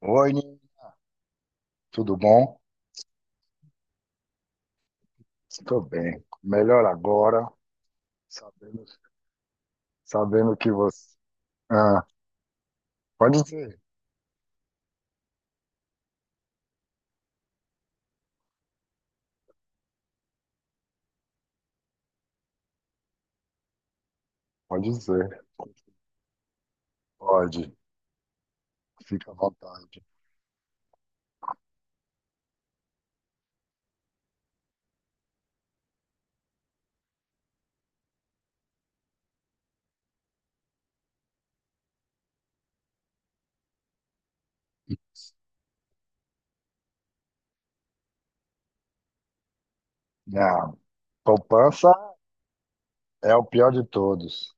Oi, Nini, tudo bom? Estou bem. Melhor agora, sabendo, sabendo que você. Ah, pode dizer, pode dizer, pode, fica à vontade. Ah, poupança é o pior de todos.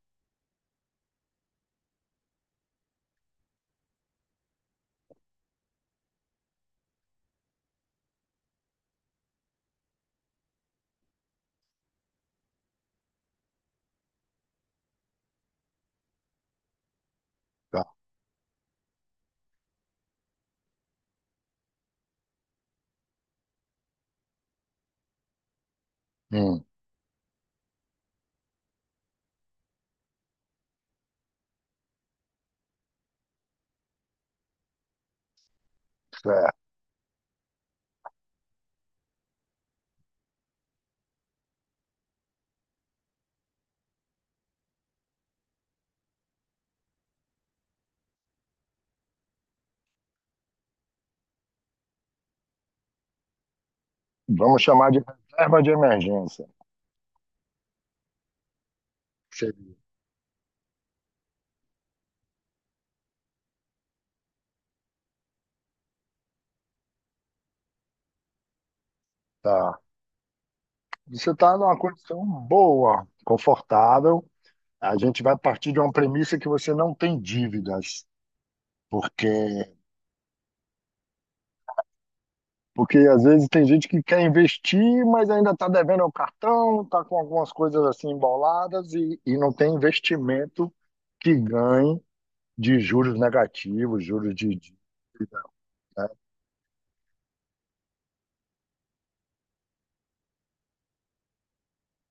Tá? Hum, certo. Vamos chamar de reserva de emergência. Seria. Tá. Você está numa condição boa, confortável. A gente vai partir de uma premissa que você não tem dívidas, porque Porque às vezes tem gente que quer investir, mas ainda está devendo ao cartão, está com algumas coisas assim emboladas e não tem investimento que ganhe de juros negativos, juros de dívida, né?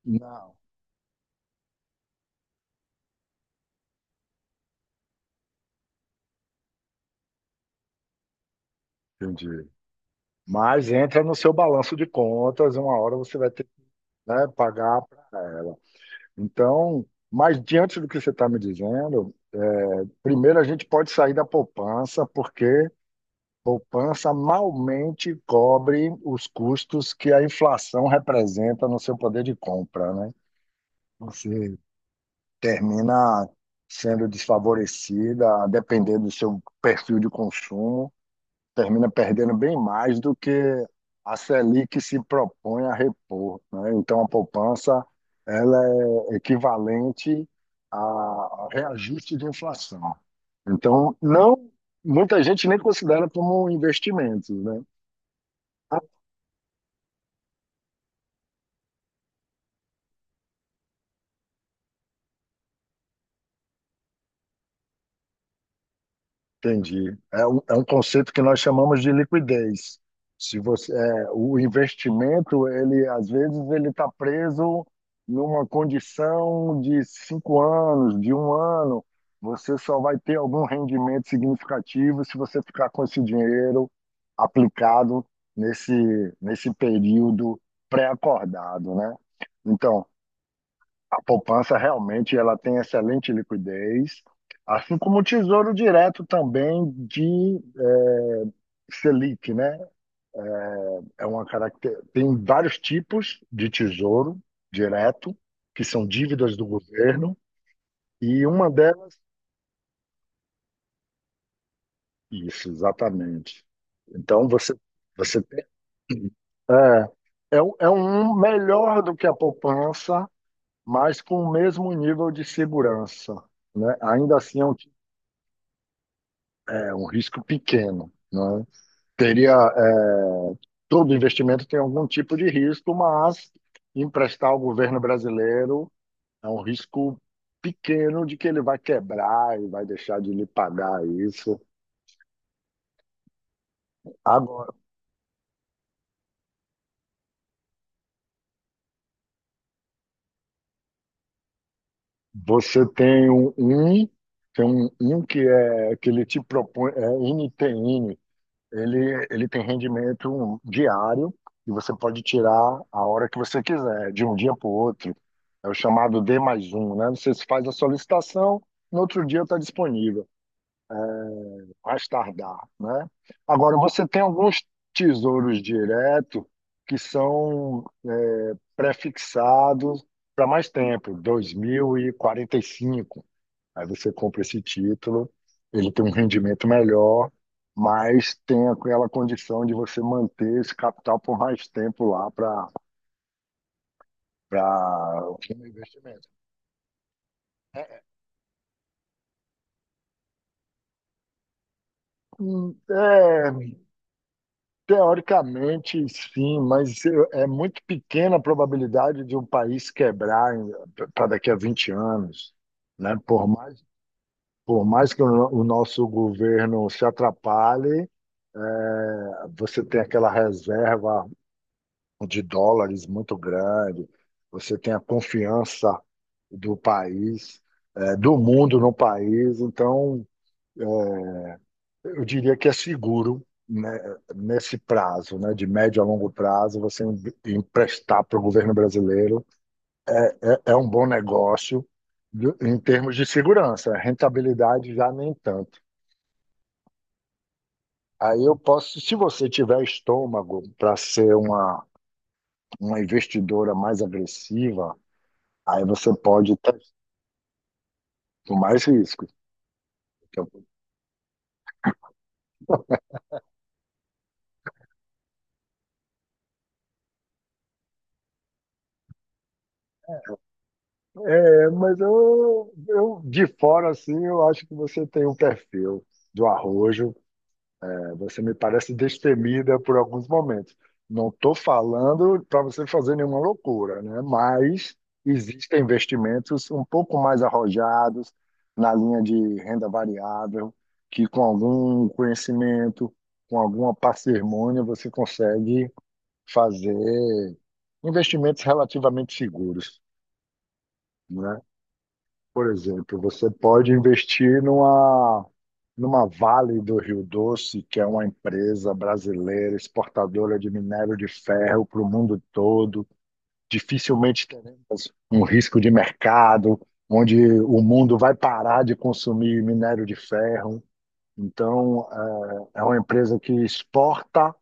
Não, entendi. Mas entra no seu balanço de contas, uma hora você vai ter que, né, pagar para ela. Então, mas diante do que você está me dizendo, é, primeiro a gente pode sair da poupança, porque poupança malmente cobre os custos que a inflação representa no seu poder de compra, né? Você termina sendo desfavorecida, dependendo do seu perfil de consumo, termina perdendo bem mais do que a Selic se propõe a repor, né? Então a poupança ela é equivalente a a reajuste de inflação. Então, não muita gente nem considera como investimentos, né? Entendi. É um conceito que nós chamamos de liquidez. Se você, é, o investimento, ele às vezes ele está preso numa condição de 5 anos, de um ano. Você só vai ter algum rendimento significativo se você ficar com esse dinheiro aplicado nesse, nesse período pré-acordado, né? Então, a poupança realmente ela tem excelente liquidez, assim como o Tesouro Direto também de Selic, né? Tem vários tipos de tesouro direto, que são dívidas do governo, e uma delas, isso, exatamente. Então você você tem- é, é um melhor do que a poupança, mas com o mesmo nível de segurança, né? Ainda assim é um risco pequeno, né? Teria todo investimento tem algum tipo de risco, mas emprestar ao governo brasileiro é um risco pequeno de que ele vai quebrar e vai deixar de lhe pagar isso. Agora, você tem tem um que é que ele te propõe, é NTN, ele tem rendimento diário e você pode tirar a hora que você quiser, de um dia para o outro. É o chamado D mais um, né? Você faz a solicitação, no outro dia está disponível. Mais tardar, né? Agora, você tem alguns tesouros direto que são é, prefixados para mais tempo, dois mil e quarenta e cinco. Aí você compra esse título, ele tem um rendimento melhor, mas tem aquela condição de você manter esse capital por mais tempo lá para o fundo de investimento. É, é Teoricamente, sim, mas eu- é muito pequena a probabilidade de um país quebrar para daqui a 20 anos, né? Por mais que o nosso governo se atrapalhe, é, você tem aquela reserva de dólares muito grande, você tem a confiança do país, é, do mundo no país, então eu diria que é seguro, né, nesse prazo, né, de médio a longo prazo, você em- emprestar para o governo brasileiro é, é um bom negócio de- em termos de segurança, rentabilidade já nem tanto. Aí eu posso, se você tiver estômago para ser uma investidora mais agressiva, aí você pode ter mais riscos. Então, é, mas eu de fora assim, eu acho que você tem um perfil do arrojo. Você me parece destemida por alguns momentos. Não estou falando para você fazer nenhuma loucura, né? Mas existem investimentos um pouco mais arrojados na linha de renda variável, que com algum conhecimento, com alguma parcimônia, você consegue fazer investimentos relativamente seguros, né? Por exemplo, você pode investir numa Vale do Rio Doce, que é uma empresa brasileira exportadora de minério de ferro para o mundo todo. Dificilmente teremos um risco de mercado, onde o mundo vai parar de consumir minério de ferro. Então, é uma empresa que exporta,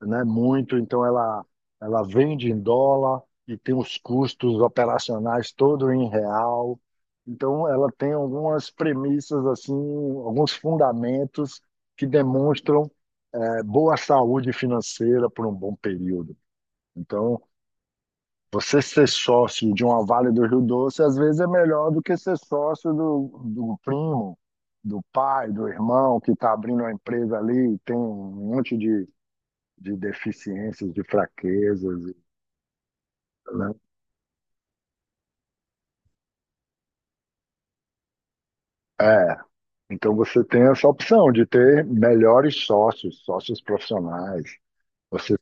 né? Muito, então ela vende em dólar e tem os custos operacionais todo em real. Então ela tem algumas premissas assim, alguns fundamentos que demonstram boa saúde financeira por um bom período. Então você ser sócio de uma Vale do Rio Doce às vezes é melhor do que ser sócio do primo, do pai, do irmão que está abrindo uma empresa ali, e tem um monte de deficiências, de fraquezas, né? É, então você tem essa opção de ter melhores sócios, sócios profissionais. Você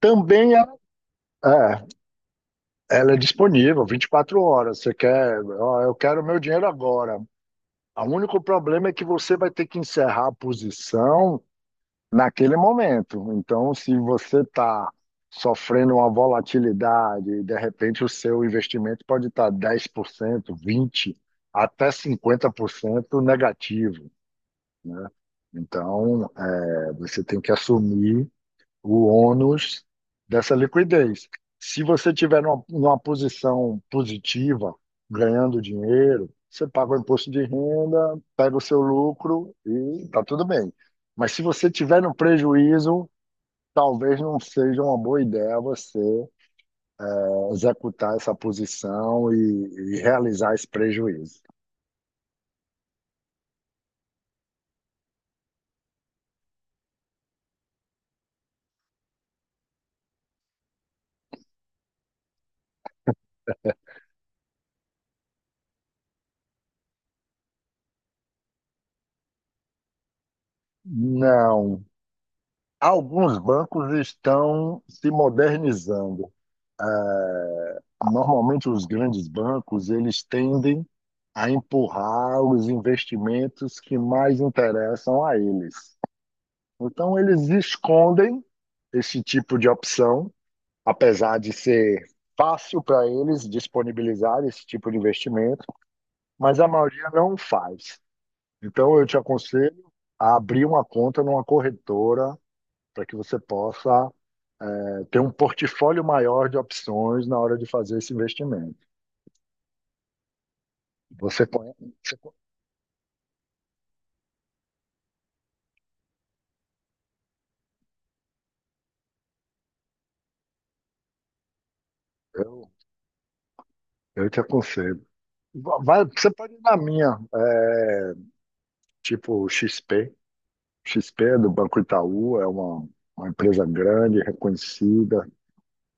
também é, ela é disponível 24 horas. Você quer, ó, eu quero meu dinheiro agora. O único problema é que você vai ter que encerrar a posição naquele momento. Então, se você está sofrendo uma volatilidade, e de repente o seu investimento pode estar 10%, 20%, até 50% negativo. Então, é, você tem que assumir o ônus dessa liquidez. Se você tiver numa posição positiva, ganhando dinheiro, você paga o imposto de renda, pega o seu lucro e tá tudo bem. Mas se você tiver no prejuízo, talvez não seja uma boa ideia você executar essa posição e realizar esse prejuízo. Não. Alguns bancos estão se modernizando. Normalmente, os grandes bancos eles tendem a empurrar os investimentos que mais interessam a eles. Então, eles escondem esse tipo de opção, apesar de ser fácil para eles disponibilizar esse tipo de investimento, mas a maioria não faz. Então, eu te aconselho a abrir uma conta numa corretora para que você possa ter um portfólio maior de opções na hora de fazer esse investimento. Você conhece, você con- eu, eu te aconselho. Vai, você pode ir na minha, tipo XP. XP é do Banco Itaú, é uma empresa grande, reconhecida.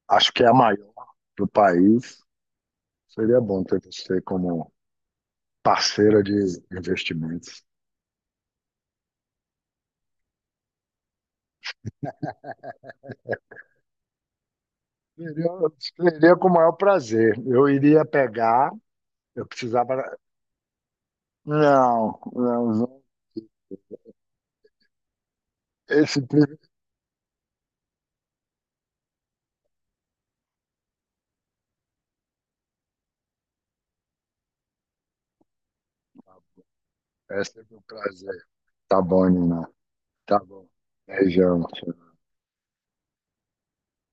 Acho que é a maior do país. Seria bom ter você como parceira de investimentos. Seria com o maior prazer. Eu iria pegar, eu precisava. Não, não, não. Esse, pri- Esse é meu prazer. Tá bom, Nina. Tá bom. Beijão.